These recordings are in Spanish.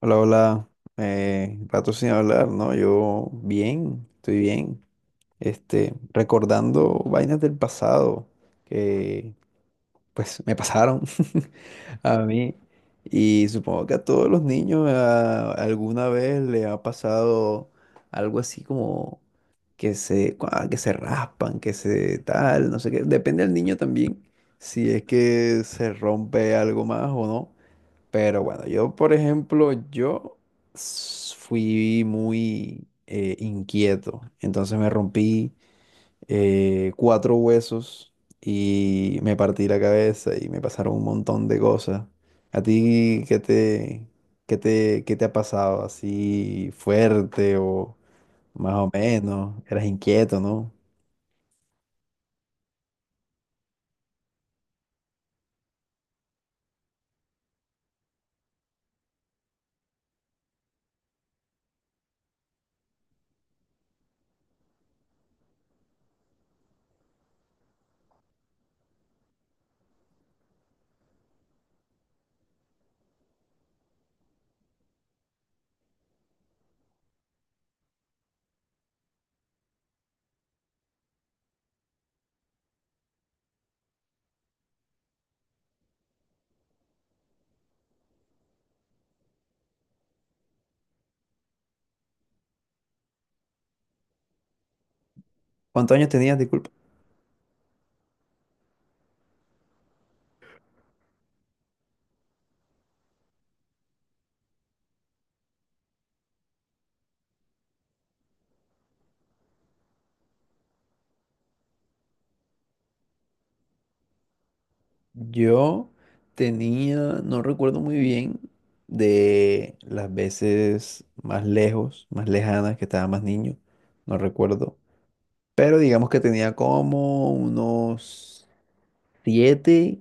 Hola, hola. Rato sin hablar, ¿no? Yo bien, estoy bien. Este, recordando vainas del pasado que pues me pasaron a mí. Y supongo que a todos los niños alguna vez le ha pasado algo así como que se, que se raspan, que se tal, no sé qué. Depende del niño también, si es que se rompe algo más o no. Pero bueno, yo, por ejemplo, fui muy inquieto. Entonces me rompí cuatro huesos y me partí la cabeza y me pasaron un montón de cosas. ¿A ti qué te ha pasado? ¿Así fuerte o más o menos? Eras inquieto, ¿no? ¿Cuántos años tenías? Yo tenía, no recuerdo muy bien de las veces más lejos, más lejanas, que estaba más niño, no recuerdo. Pero digamos que tenía como unos 7,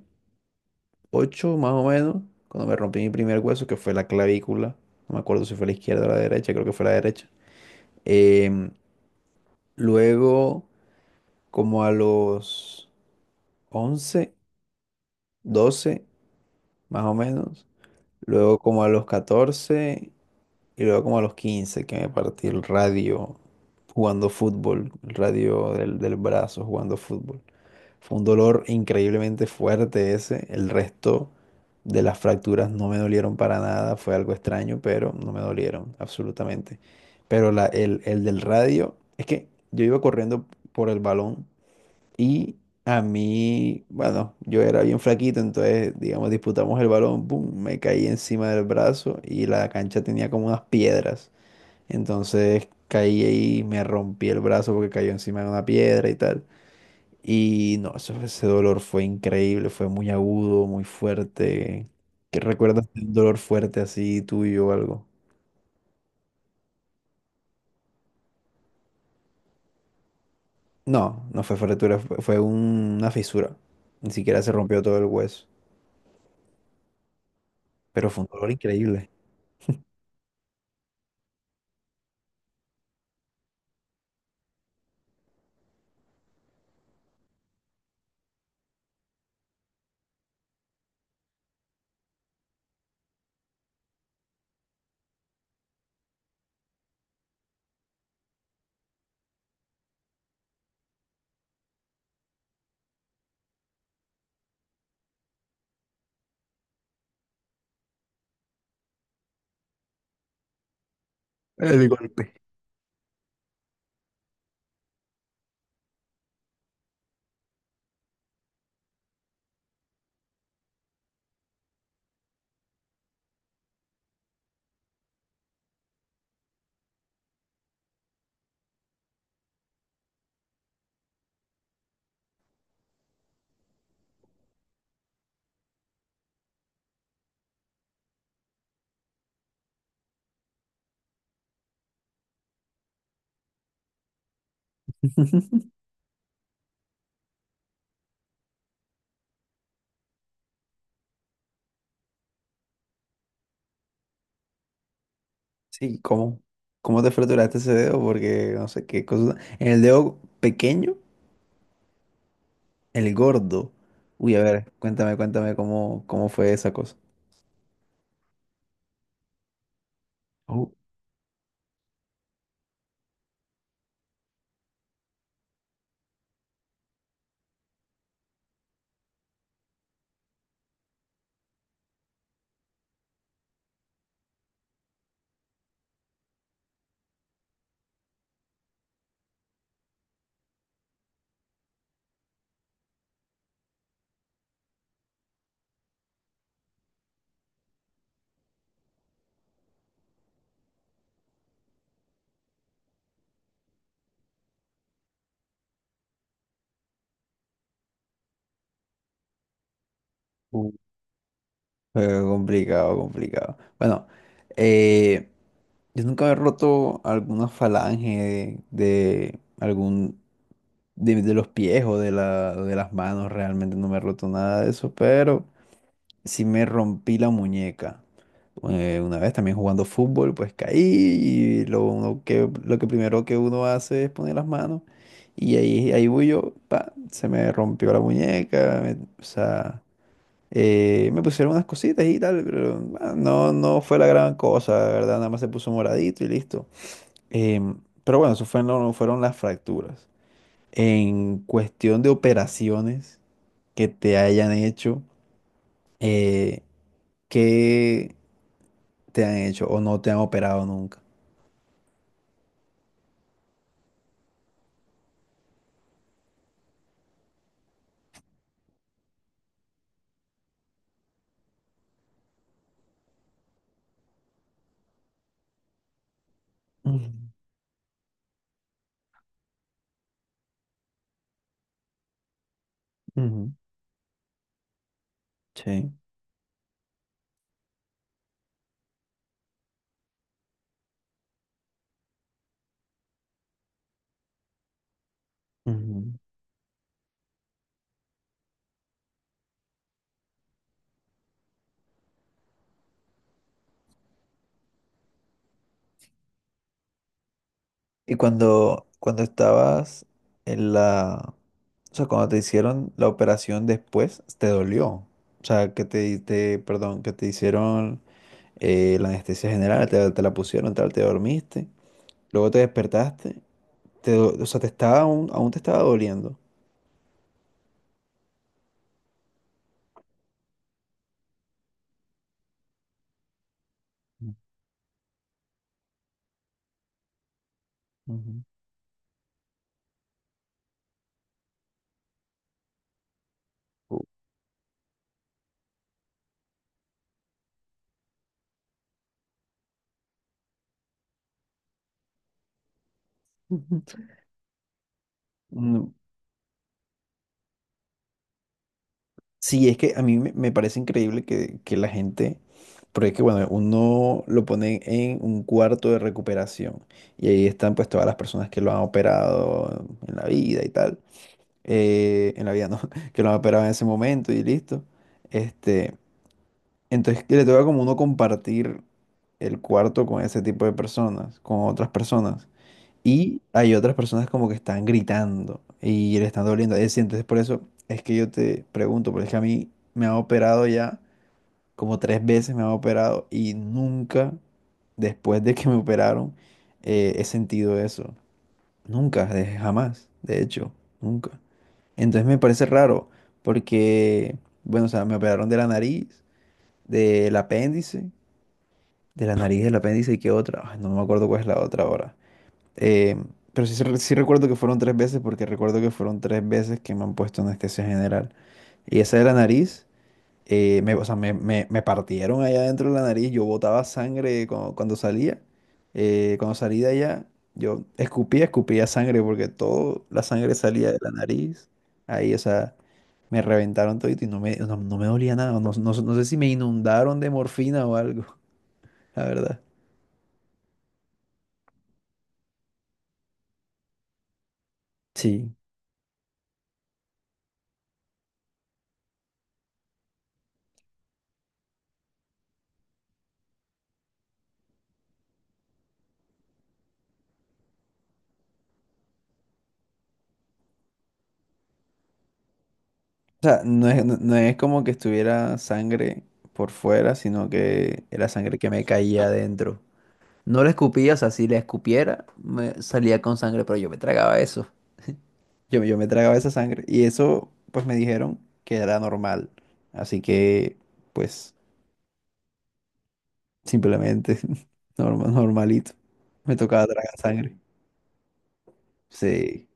8 más o menos, cuando me rompí mi primer hueso, que fue la clavícula. No me acuerdo si fue la izquierda o la derecha, creo que fue la derecha. Em, luego, como a los 11, 12, más o menos. Luego como a los 14. Y luego como a los 15 que me partí el radio jugando fútbol, el radio del brazo jugando fútbol. Fue un dolor increíblemente fuerte ese. El resto de las fracturas no me dolieron para nada. Fue algo extraño, pero no me dolieron absolutamente. Pero el del radio, es que yo iba corriendo por el balón y a mí, bueno, yo era bien flaquito, entonces, digamos, disputamos el balón, pum, me caí encima del brazo y la cancha tenía como unas piedras. Entonces caí ahí y me rompí el brazo porque cayó encima de una piedra y tal. Y no, ese dolor fue increíble, fue muy agudo, muy fuerte. ¿Qué recuerdas de un dolor fuerte así tuyo o algo? No, no fue fractura, fue una fisura. Ni siquiera se rompió todo el hueso, pero fue un dolor increíble. El golpe. Sí, ¿cómo? ¿Cómo te fraturaste ese dedo? Porque no sé qué cosa. ¿En el dedo pequeño, el gordo? Uy, a ver, cuéntame cómo fue esa cosa. Uh, uh, complicado, complicado. Bueno, eh, yo nunca he roto alguna falange de algún de los pies o de de las manos, realmente no me he roto nada de eso, pero sí me rompí la muñeca. Una vez también jugando fútbol, pues caí y lo, uno que, lo que primero que uno hace es poner las manos y ahí voy yo, pa, se me rompió la muñeca, o sea... me pusieron unas cositas y tal, pero bueno, no fue la gran cosa, la ¿verdad? Nada más se puso moradito y listo. Pero bueno, eso fue, no, fueron las fracturas. En cuestión de operaciones que te hayan hecho, eh, ¿qué te han hecho o no te han operado nunca? Ujú, ujú. Sí. Y cuando estabas en la... O sea, cuando te hicieron la operación después, ¿te dolió? O sea, perdón, que te hicieron la anestesia general, te la pusieron, tal, te dormiste, luego te despertaste, o sea, te estaba aún, aún te estaba doliendo. Ujú. Mm. Sí, es que a mí me parece increíble que la gente, porque es que bueno, uno lo pone en un cuarto de recuperación y ahí están pues todas las personas que lo han operado en la vida y tal, en la vida no, que lo han operado en ese momento y listo. Este, entonces que le toca como uno compartir el cuarto con ese tipo de personas, con otras personas. Y hay otras personas como que están gritando y le están doliendo. Es decir, entonces por eso es que yo te pregunto, porque es que a mí me han operado ya como tres veces me han operado y nunca después de que me operaron he sentido eso. Nunca, jamás, de hecho, nunca. Entonces me parece raro porque, bueno, o sea, me operaron de la nariz, del apéndice, de la nariz, del apéndice y qué otra. Ay, no me acuerdo cuál es la otra ahora. Eh, pero sí, sí recuerdo que fueron tres veces porque recuerdo que fueron tres veces que me han puesto anestesia general. Y esa de la nariz, me, o sea, me- me partieron allá dentro de la nariz, yo botaba sangre cuando salía. Cuando salí de allá, yo escupía, escupía sangre porque toda la sangre salía de la nariz. Ahí, o sea, me reventaron todo y no no me dolía nada. No sé si me inundaron de morfina o algo, la verdad. Sí. O sea, no es como que estuviera sangre por fuera, sino que era sangre que me caía adentro. No la escupía, o sea, si la escupiera, me salía con sangre, pero yo me tragaba eso. Yo me tragaba esa sangre. Y eso, pues me dijeron que era normal. Así que, pues, simplemente, normal, normalito. Me tocaba tragar sangre. Sí.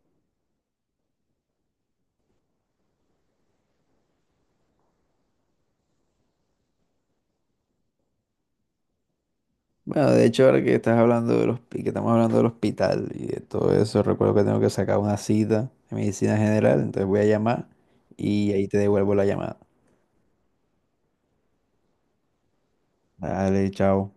Bueno, de hecho, ahora que estás hablando de los, que estamos hablando del hospital y de todo eso, recuerdo que tengo que sacar una cita de medicina general, entonces voy a llamar y ahí te devuelvo la llamada. Dale, chao.